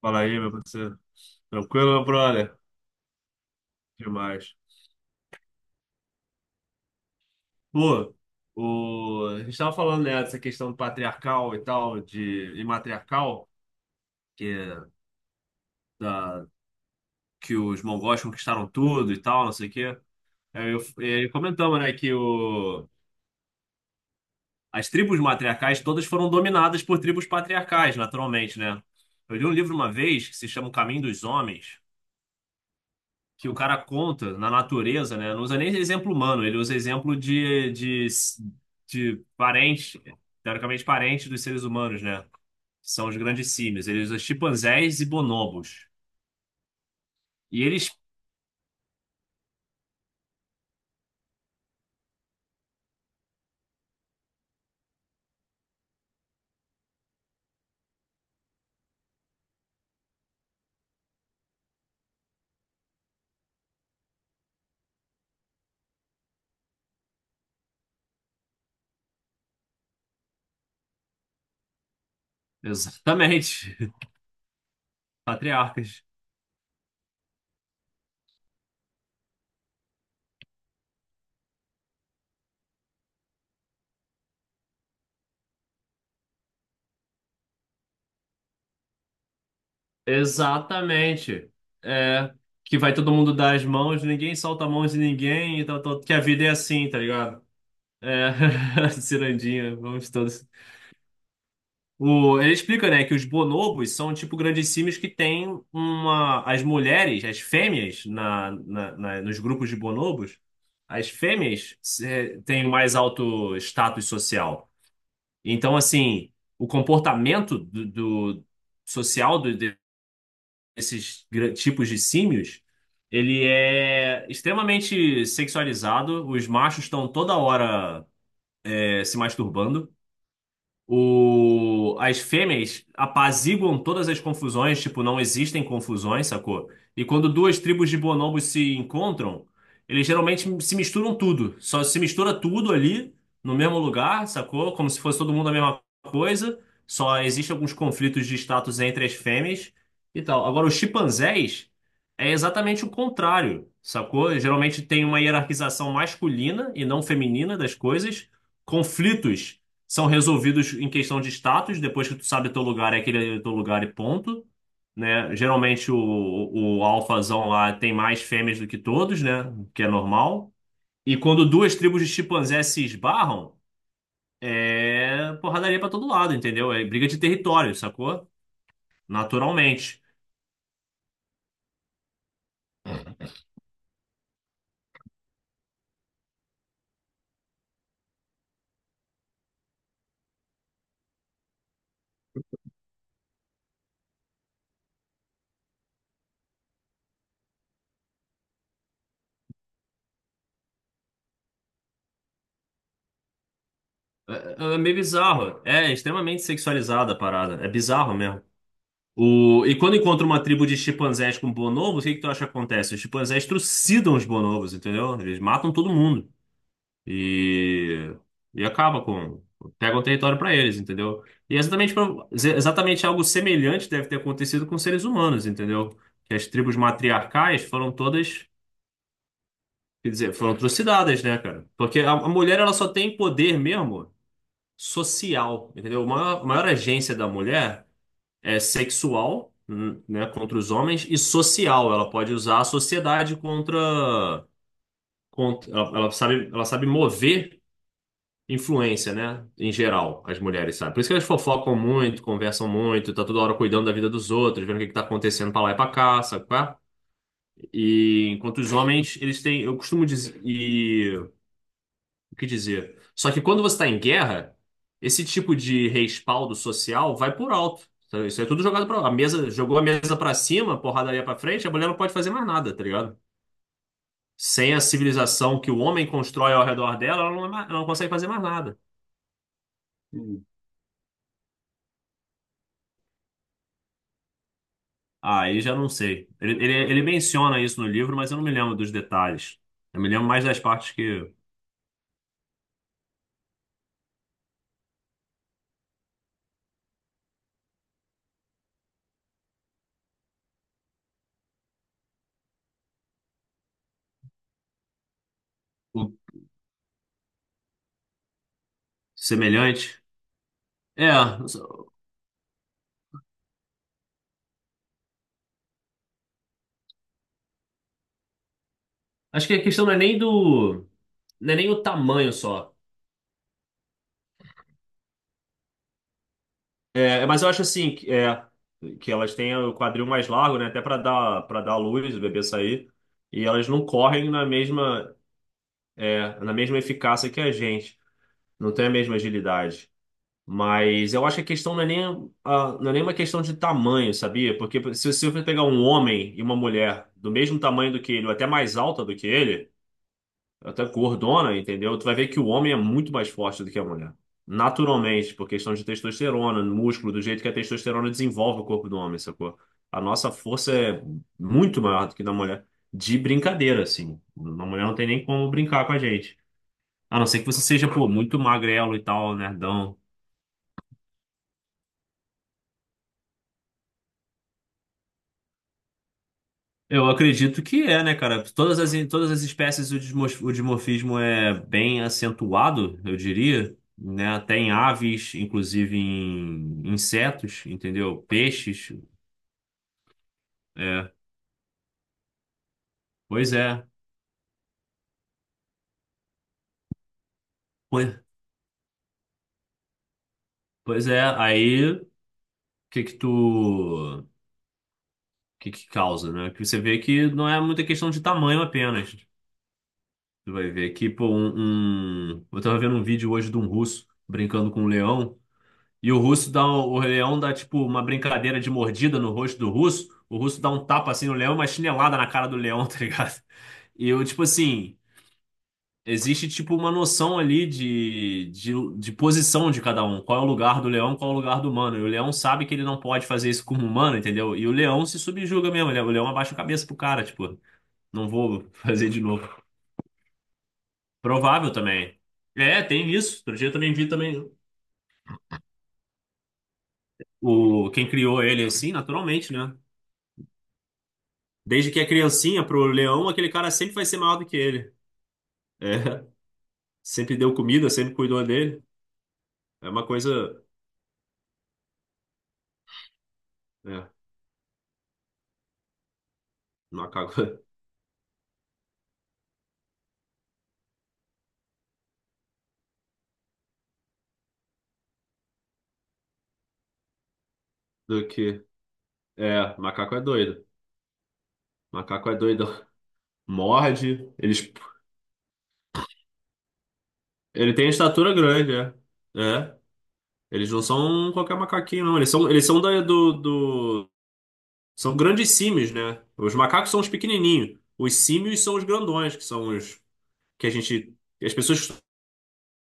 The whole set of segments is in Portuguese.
Fala aí, meu parceiro. Tranquilo, meu brother? Demais. Pô, a gente tava falando, né, dessa questão patriarcal e tal, e matriarcal, que, é da... que os mongóis conquistaram tudo e tal, não sei o quê. E aí comentamos, né, que as tribos matriarcais todas foram dominadas por tribos patriarcais, naturalmente, né? Eu li um livro uma vez que se chama O Caminho dos Homens, que o cara conta na natureza, né? Não usa nem exemplo humano, ele usa exemplo de parente, teoricamente parente dos seres humanos, né? Que são os grandes símios. Ele usa chimpanzés e bonobos. E eles. Exatamente. Patriarcas. Exatamente. É. Que vai todo mundo dar as mãos, ninguém solta a mão de ninguém, e tal, tal, que a vida é assim, tá ligado? É. Cirandinha, vamos todos. O, ele explica, né, que os bonobos são tipo grandes símios que têm uma. As mulheres, as fêmeas, nos grupos de bonobos, as fêmeas têm mais alto status social. Então, assim, o comportamento social desses tipos de símios, ele é extremamente sexualizado. Os machos estão toda hora se masturbando. O, as fêmeas apaziguam todas as confusões, tipo, não existem confusões, sacou? E quando duas tribos de bonobos se encontram, eles geralmente se misturam tudo. Só se mistura tudo ali, no mesmo lugar, sacou? Como se fosse todo mundo a mesma coisa. Só existem alguns conflitos de status entre as fêmeas e tal. Agora, os chimpanzés é exatamente o contrário, sacou? Geralmente tem uma hierarquização masculina e não feminina das coisas. Conflitos são resolvidos em questão de status, depois que tu sabe teu lugar, é aquele teu lugar e ponto, né? Geralmente o alfazão lá tem mais fêmeas do que todos, né? O que é normal. E quando duas tribos de chimpanzés se esbarram, é porradaria pra todo lado, entendeu? É briga de território, sacou? Naturalmente. É, é meio bizarro. É extremamente sexualizada a parada. É bizarro mesmo. E quando encontra uma tribo de chimpanzés com bonobos, o que que tu acha que acontece? Os chimpanzés trucidam os bonobos, entendeu? Eles matam todo mundo e, e acaba com... Pegam o território para eles, entendeu? E é exatamente, exatamente algo semelhante deve ter acontecido com seres humanos, entendeu? Que as tribos matriarcais foram todas, quer dizer, foram trucidadas, né, cara? Porque a mulher, ela só tem poder mesmo social, entendeu? A maior agência da mulher é sexual, né, contra os homens e social. Ela pode usar a sociedade contra, contra ela, ela sabe mover influência, né, em geral, as mulheres, sabe? Por isso que elas fofocam muito, conversam muito, tá toda hora cuidando da vida dos outros, vendo o que que tá acontecendo pra lá e pra cá, sabe? Qual é? E enquanto os homens, eles têm, eu costumo dizer, o que dizer. Só que quando você está em guerra, esse tipo de respaldo social vai por alto. Então, isso é tudo jogado para a mesa, jogou a mesa para cima, porradaria para frente, a mulher não pode fazer mais nada, tá ligado? Sem a civilização que o homem constrói ao redor dela, ela não, ela não consegue fazer mais nada. Hum. Ah, aí já não sei. Ele menciona isso no livro, mas eu não me lembro dos detalhes. Eu me lembro mais das partes que O- semelhante. É, acho que a questão não é nem do, não é nem o tamanho só. É, mas eu acho assim, que, é, que elas têm o quadril mais largo, né? Até para dar luz, o bebê sair. E elas não correm na mesma na mesma eficácia que a gente. Não tem a mesma agilidade. Mas eu acho que a questão não é nem, não é nem uma questão de tamanho, sabia? Porque se você pegar um homem e uma mulher do mesmo tamanho do que ele, ou até mais alta do que ele, até gordona, entendeu? Tu vai ver que o homem é muito mais forte do que a mulher. Naturalmente, por questão de testosterona, músculo, do jeito que a testosterona desenvolve o corpo do homem, sacou? A nossa força é muito maior do que da mulher. De brincadeira, assim. A mulher não tem nem como brincar com a gente. A não ser que você seja, pô, muito magrelo e tal, nerdão. Eu acredito que é, né, cara? Todas as espécies o o dimorfismo é bem acentuado, eu diria, né? Até em aves, inclusive em insetos, entendeu? Peixes, é. Pois é. Pois, pois é. Aí, O que que causa, né? Que você vê que não é muita questão de tamanho apenas. Tu vai ver que, pô, eu tava vendo um vídeo hoje de um russo brincando com um leão. E o russo o leão dá tipo uma brincadeira de mordida no rosto do russo. O russo dá um tapa assim no leão, e uma chinelada na cara do leão, tá ligado? E eu, tipo assim, existe tipo uma noção ali de posição de cada um. Qual é o lugar do leão, qual é o lugar do humano. E o leão sabe que ele não pode fazer isso como humano, entendeu? E o leão se subjuga mesmo. O leão abaixa a cabeça pro cara, tipo, não vou fazer de novo. Provável também. É, tem isso. Outro dia eu também vi também quem criou ele assim, naturalmente, né? Desde que é criancinha pro leão, aquele cara sempre vai ser maior do que ele. É, sempre deu comida, sempre cuidou dele. É uma coisa. É, macaco do que. É, macaco é doido. Macaco é doido. Morde. Eles, ele tem a estatura grande, é. É. Eles não são qualquer macaquinho, não. Eles são do. São grandes símios, né? Os macacos são os pequenininhos. Os símios são os grandões, que são os. Que a gente. Que As pessoas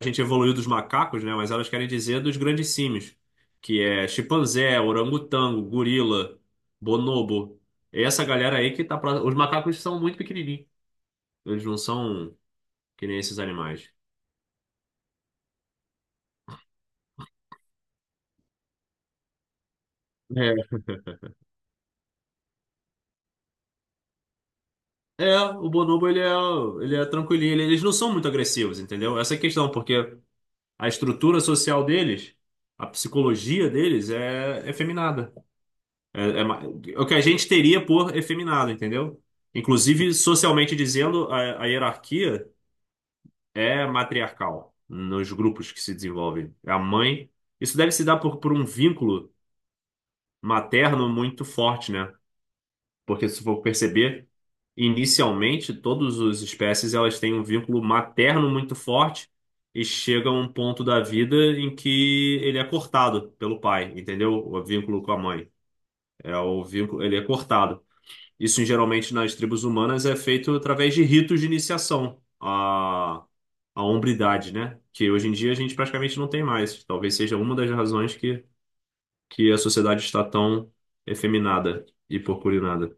a gente evoluiu dos macacos, né? Mas elas querem dizer dos grandes símios, que é chimpanzé, orangotango, gorila, bonobo. É essa galera aí que tá pra... Os macacos são muito pequenininhos. Eles não são que nem esses animais. É, é, o bonobo ele é tranquilinho, eles não são muito agressivos, entendeu? Essa é a questão, porque a estrutura social deles, a psicologia deles é efeminada. É, é o que a gente teria por efeminado, entendeu? Inclusive, socialmente dizendo, a hierarquia é matriarcal nos grupos que se desenvolvem. A mãe. Isso deve se dar por um vínculo materno muito forte, né? Porque se for perceber, inicialmente, todas as espécies elas têm um vínculo materno muito forte e chega a um ponto da vida em que ele é cortado pelo pai, entendeu? O vínculo com a mãe. É o vínculo, ele é cortado. Isso geralmente nas tribos humanas é feito através de ritos de iniciação à hombridade, né? Que hoje em dia a gente praticamente não tem mais. Talvez seja uma das razões que a sociedade está tão efeminada e porcurinada.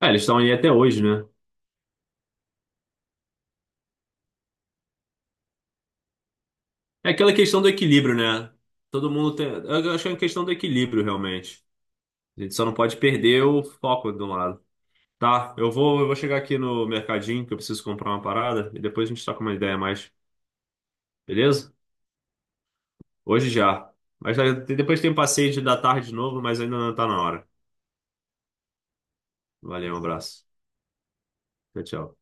Ah, eles estão aí até hoje, né? É aquela questão do equilíbrio, né? Todo mundo tem. Eu acho que é uma questão do equilíbrio, realmente. A gente só não pode perder o foco de um lado. Tá, eu vou chegar aqui no mercadinho que eu preciso comprar uma parada e depois a gente troca uma ideia a mais, beleza? Hoje já. Mas olha, depois tem um passeio da tarde de novo, mas ainda não tá na hora. Valeu, um abraço. Tchau, tchau.